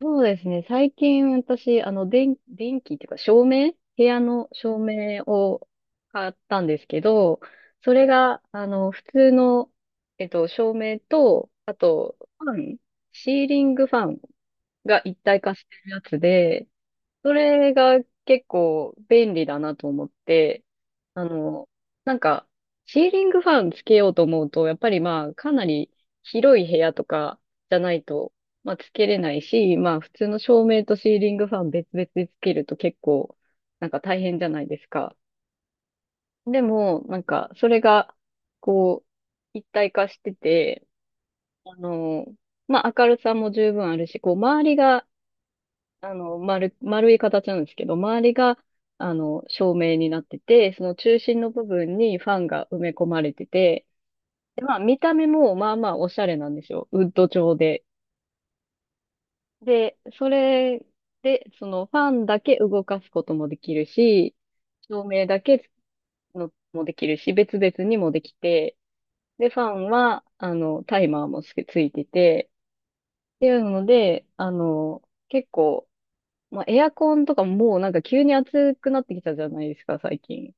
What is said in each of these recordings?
そうですね。最近私、電気っていうか照明、部屋の照明を買ったんですけど、それが、普通の、照明と、あと、ファン、シーリングファンが一体化してるやつで、それが結構便利だなと思って、あの、なんか、シーリングファンつけようと思うと、やっぱりまあ、かなり広い部屋とかじゃないと、まあ、つけれないし、まあ、普通の照明とシーリングファン別々でつけると結構、なんか大変じゃないですか。でも、なんか、それが、こう、一体化してて、あの、まあ、明るさも十分あるし、こう、周りが、丸い形なんですけど、周りが、あの、照明になってて、その中心の部分にファンが埋め込まれてて、で、まあ、見た目もまあまあおしゃれなんですよ。ウッド調で。で、それで、そのファンだけ動かすこともできるし、照明だけのもできるし、別々にもできて、で、ファンは、あの、タイマーもついてて、っていうので、結構、まあ、エアコンとかもうなんか急に暑くなってきたじゃないですか、最近。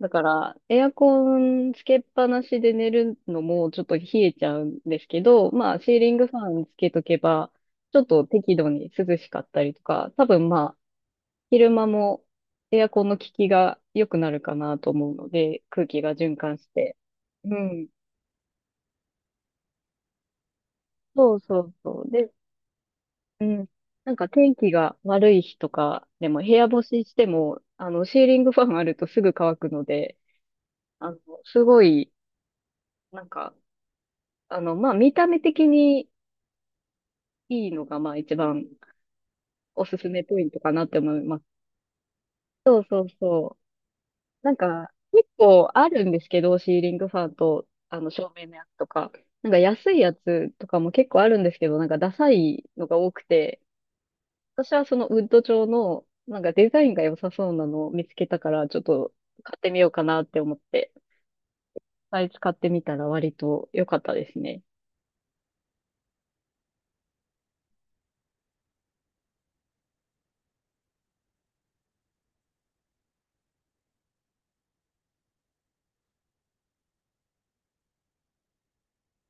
だから、エアコンつけっぱなしで寝るのもちょっと冷えちゃうんですけど、まあ、シーリングファンつけとけば、ちょっと適度に涼しかったりとか、多分まあ、昼間もエアコンの効きが良くなるかなと思うので、空気が循環して。うん。そうそうそう。で、うん。なんか天気が悪い日とかでも部屋干ししても、あの、シーリングファンあるとすぐ乾くので、あの、すごい、なんか、まあ、見た目的にいいのが、まあ、一番おすすめポイントかなって思います。そうそう。なんか、結構あるんですけど、シーリングファンと、あの、照明のやつとか、なんか安いやつとかも結構あるんですけど、なんかダサいのが多くて、私はそのウッド調の、なんかデザインが良さそうなのを見つけたから、ちょっと買ってみようかなって思って、サイズ買ってみたら割と良かったですね。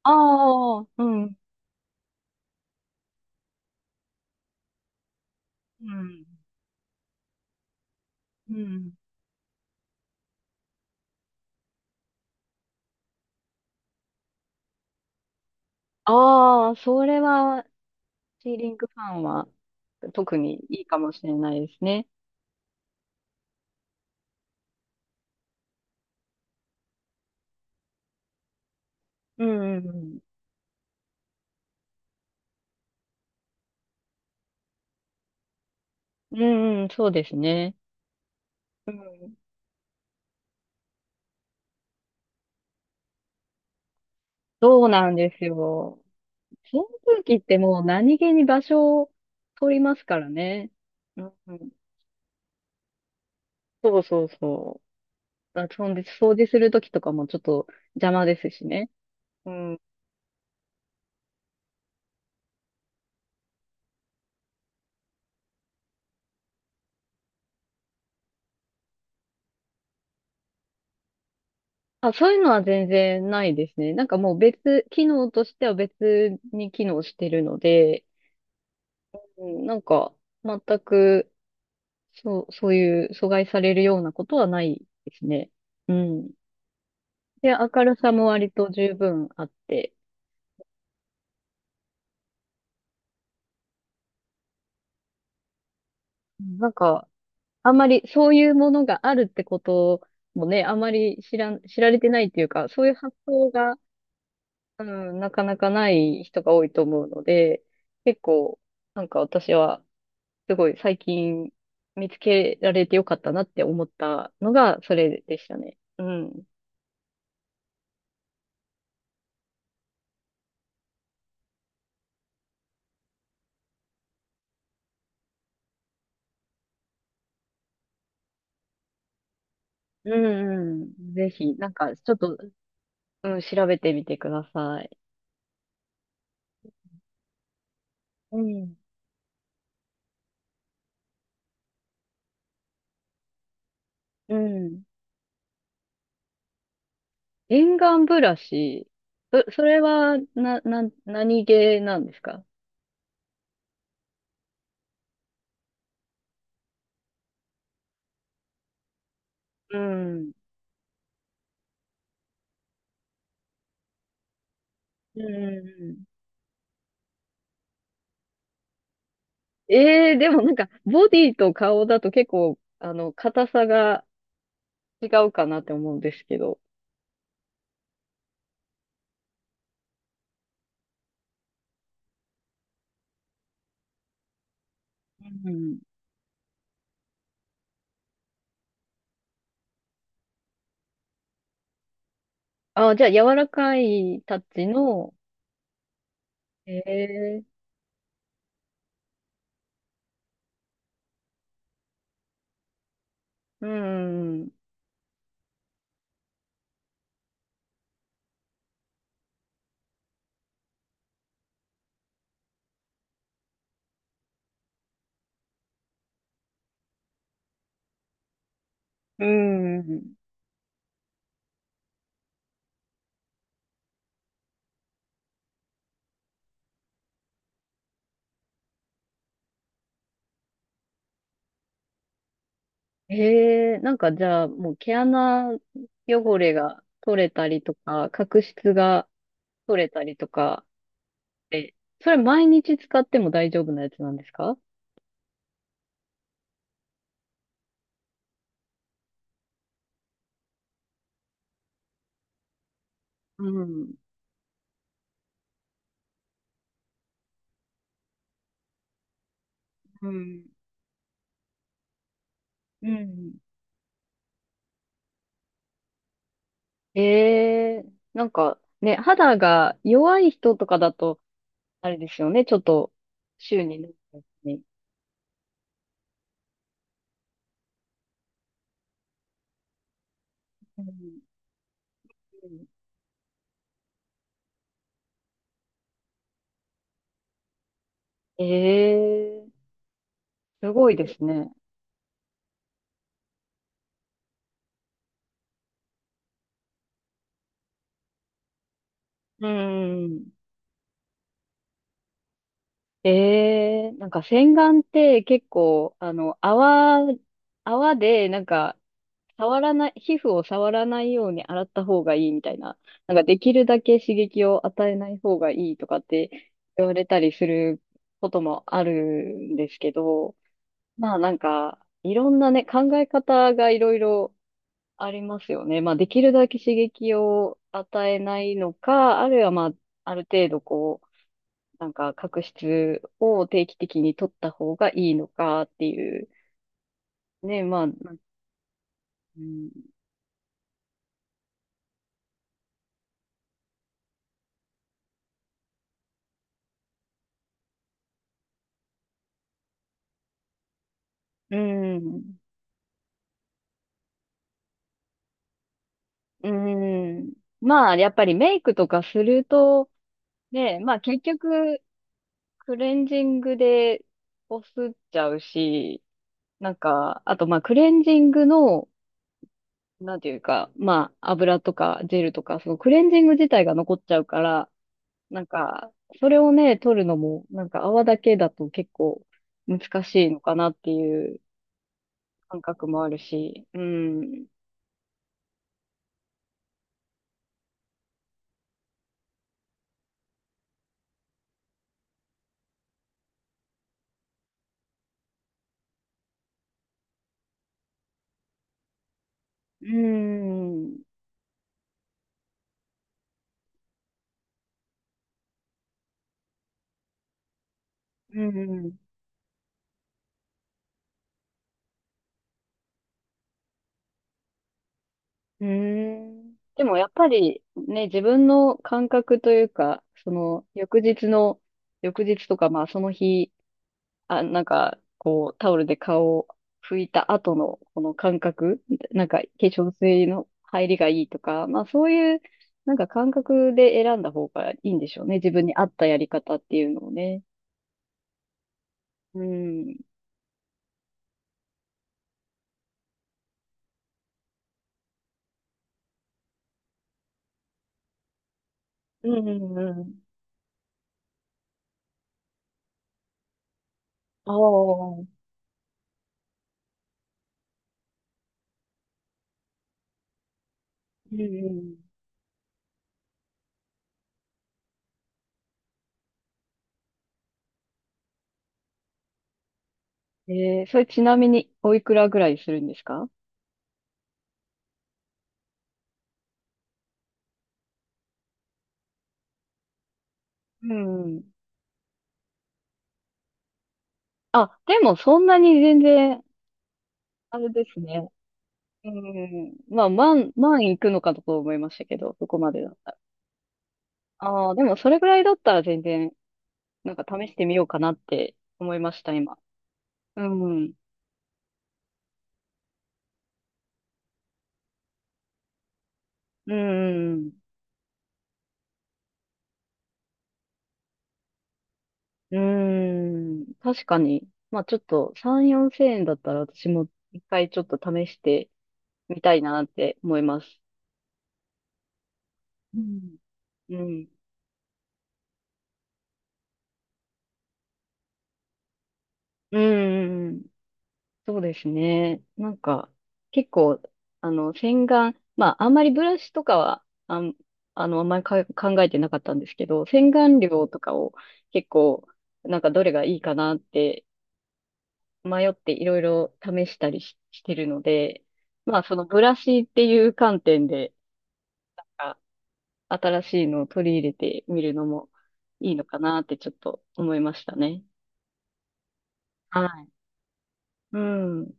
ああ、うん、うん、うん。ああ、それは、シーリングファンは特にいいかもしれないですね。うん、うん、うん。うんうん、そうですね。うん。そうなんですよ。扇風機ってもう何気に場所を取りますからね。うん、うん。そうそうそう。あ、そうで掃除するときとかもちょっと邪魔ですしね。うん。あ、そういうのは全然ないですね。なんかもう別、機能としては別に機能してるので、うん、なんか全く、そう、そういう阻害されるようなことはないですね。うん。で、明るさも割と十分あって、なんか、あんまりそういうものがあるってこともね、あんまり知られてないっていうか、そういう発想がうん、なかなかない人が多いと思うので、結構、なんか私は、すごい最近見つけられてよかったなって思ったのが、それでしたね。うん。うんうん。ぜひ、なんか、ちょっと、うん、調べてみてください。うん。うん。沿岸ブラシ、それは、何系なんですか？うん。うんうんうん。ええでもなんか、ボディと顔だと結構、あの、硬さが違うかなって思うんですけど。うん。あ、じゃあ、柔らかいタッチの、ええうん、うん。ええなんかじゃあ、もう毛穴汚れが取れたりとか、角質が取れたりとかって、それ毎日使っても大丈夫なやつなんですか？うん。うん。うん。ええなんかね、肌が弱い人とかだと、あれですよね、ちょっと、週に何回かにうんええすごいですね。うん。ええなんか洗顔って結構、あの、泡で、なんか、触らない、皮膚を触らないように洗った方がいいみたいな、なんかできるだけ刺激を与えない方がいいとかって言われたりすることもあるんですけど、まあなんか、いろんなね、考え方がいろいろありますよね。まあ、できるだけ刺激を与えないのか、あるいはまあ、ある程度こう、なんか角質を定期的に取った方がいいのかっていう。ね、まあ、うん、うん、うん。まあ、やっぱりメイクとかすると、ね、まあ結局、クレンジングでこすっちゃうし、なんか、あとまあクレンジングの、なんていうか、まあ、油とかジェルとか、そのクレンジング自体が残っちゃうから、なんか、それをね、取るのも、なんか泡だけだと結構難しいのかなっていう感覚もあるし、うん、うん、うん、うん。でもやっぱりね、自分の感覚というか、その翌日の、翌日とかまあその日あ、なんか、こう、タオルで顔を拭いた後のこの感覚、なんか、化粧水の入りがいいとか、まあそういう、なんか感覚で選んだ方がいいんでしょうね。自分に合ったやり方っていうのをね。うん。うんうんうん。ああ。うんうん。えー、それちなみにおいくらぐらいするんですか？うんうん。あ、でもそんなに全然、あれですね。うんうんうん。まあ、万いくのかと思いましたけど、そこまでだ。ああ、でもそれぐらいだったら全然、なんか試してみようかなって思いました、今。うん。うん。うん。確かに。まあちょっと3、4千円だったら私も一回ちょっと試してみたいなって思います。うん。うん。うん。うんうんそうですね。なんか、結構、あの、洗顔、まあ、あんまりブラシとかは、あの、あんまり考えてなかったんですけど、洗顔料とかを結構、なんかどれがいいかなって迷っていろいろ試したりし、してるので、まあ、そのブラシっていう観点で、あ新しいのを取り入れてみるのもいいのかなってちょっと思いましたね。はい。うん。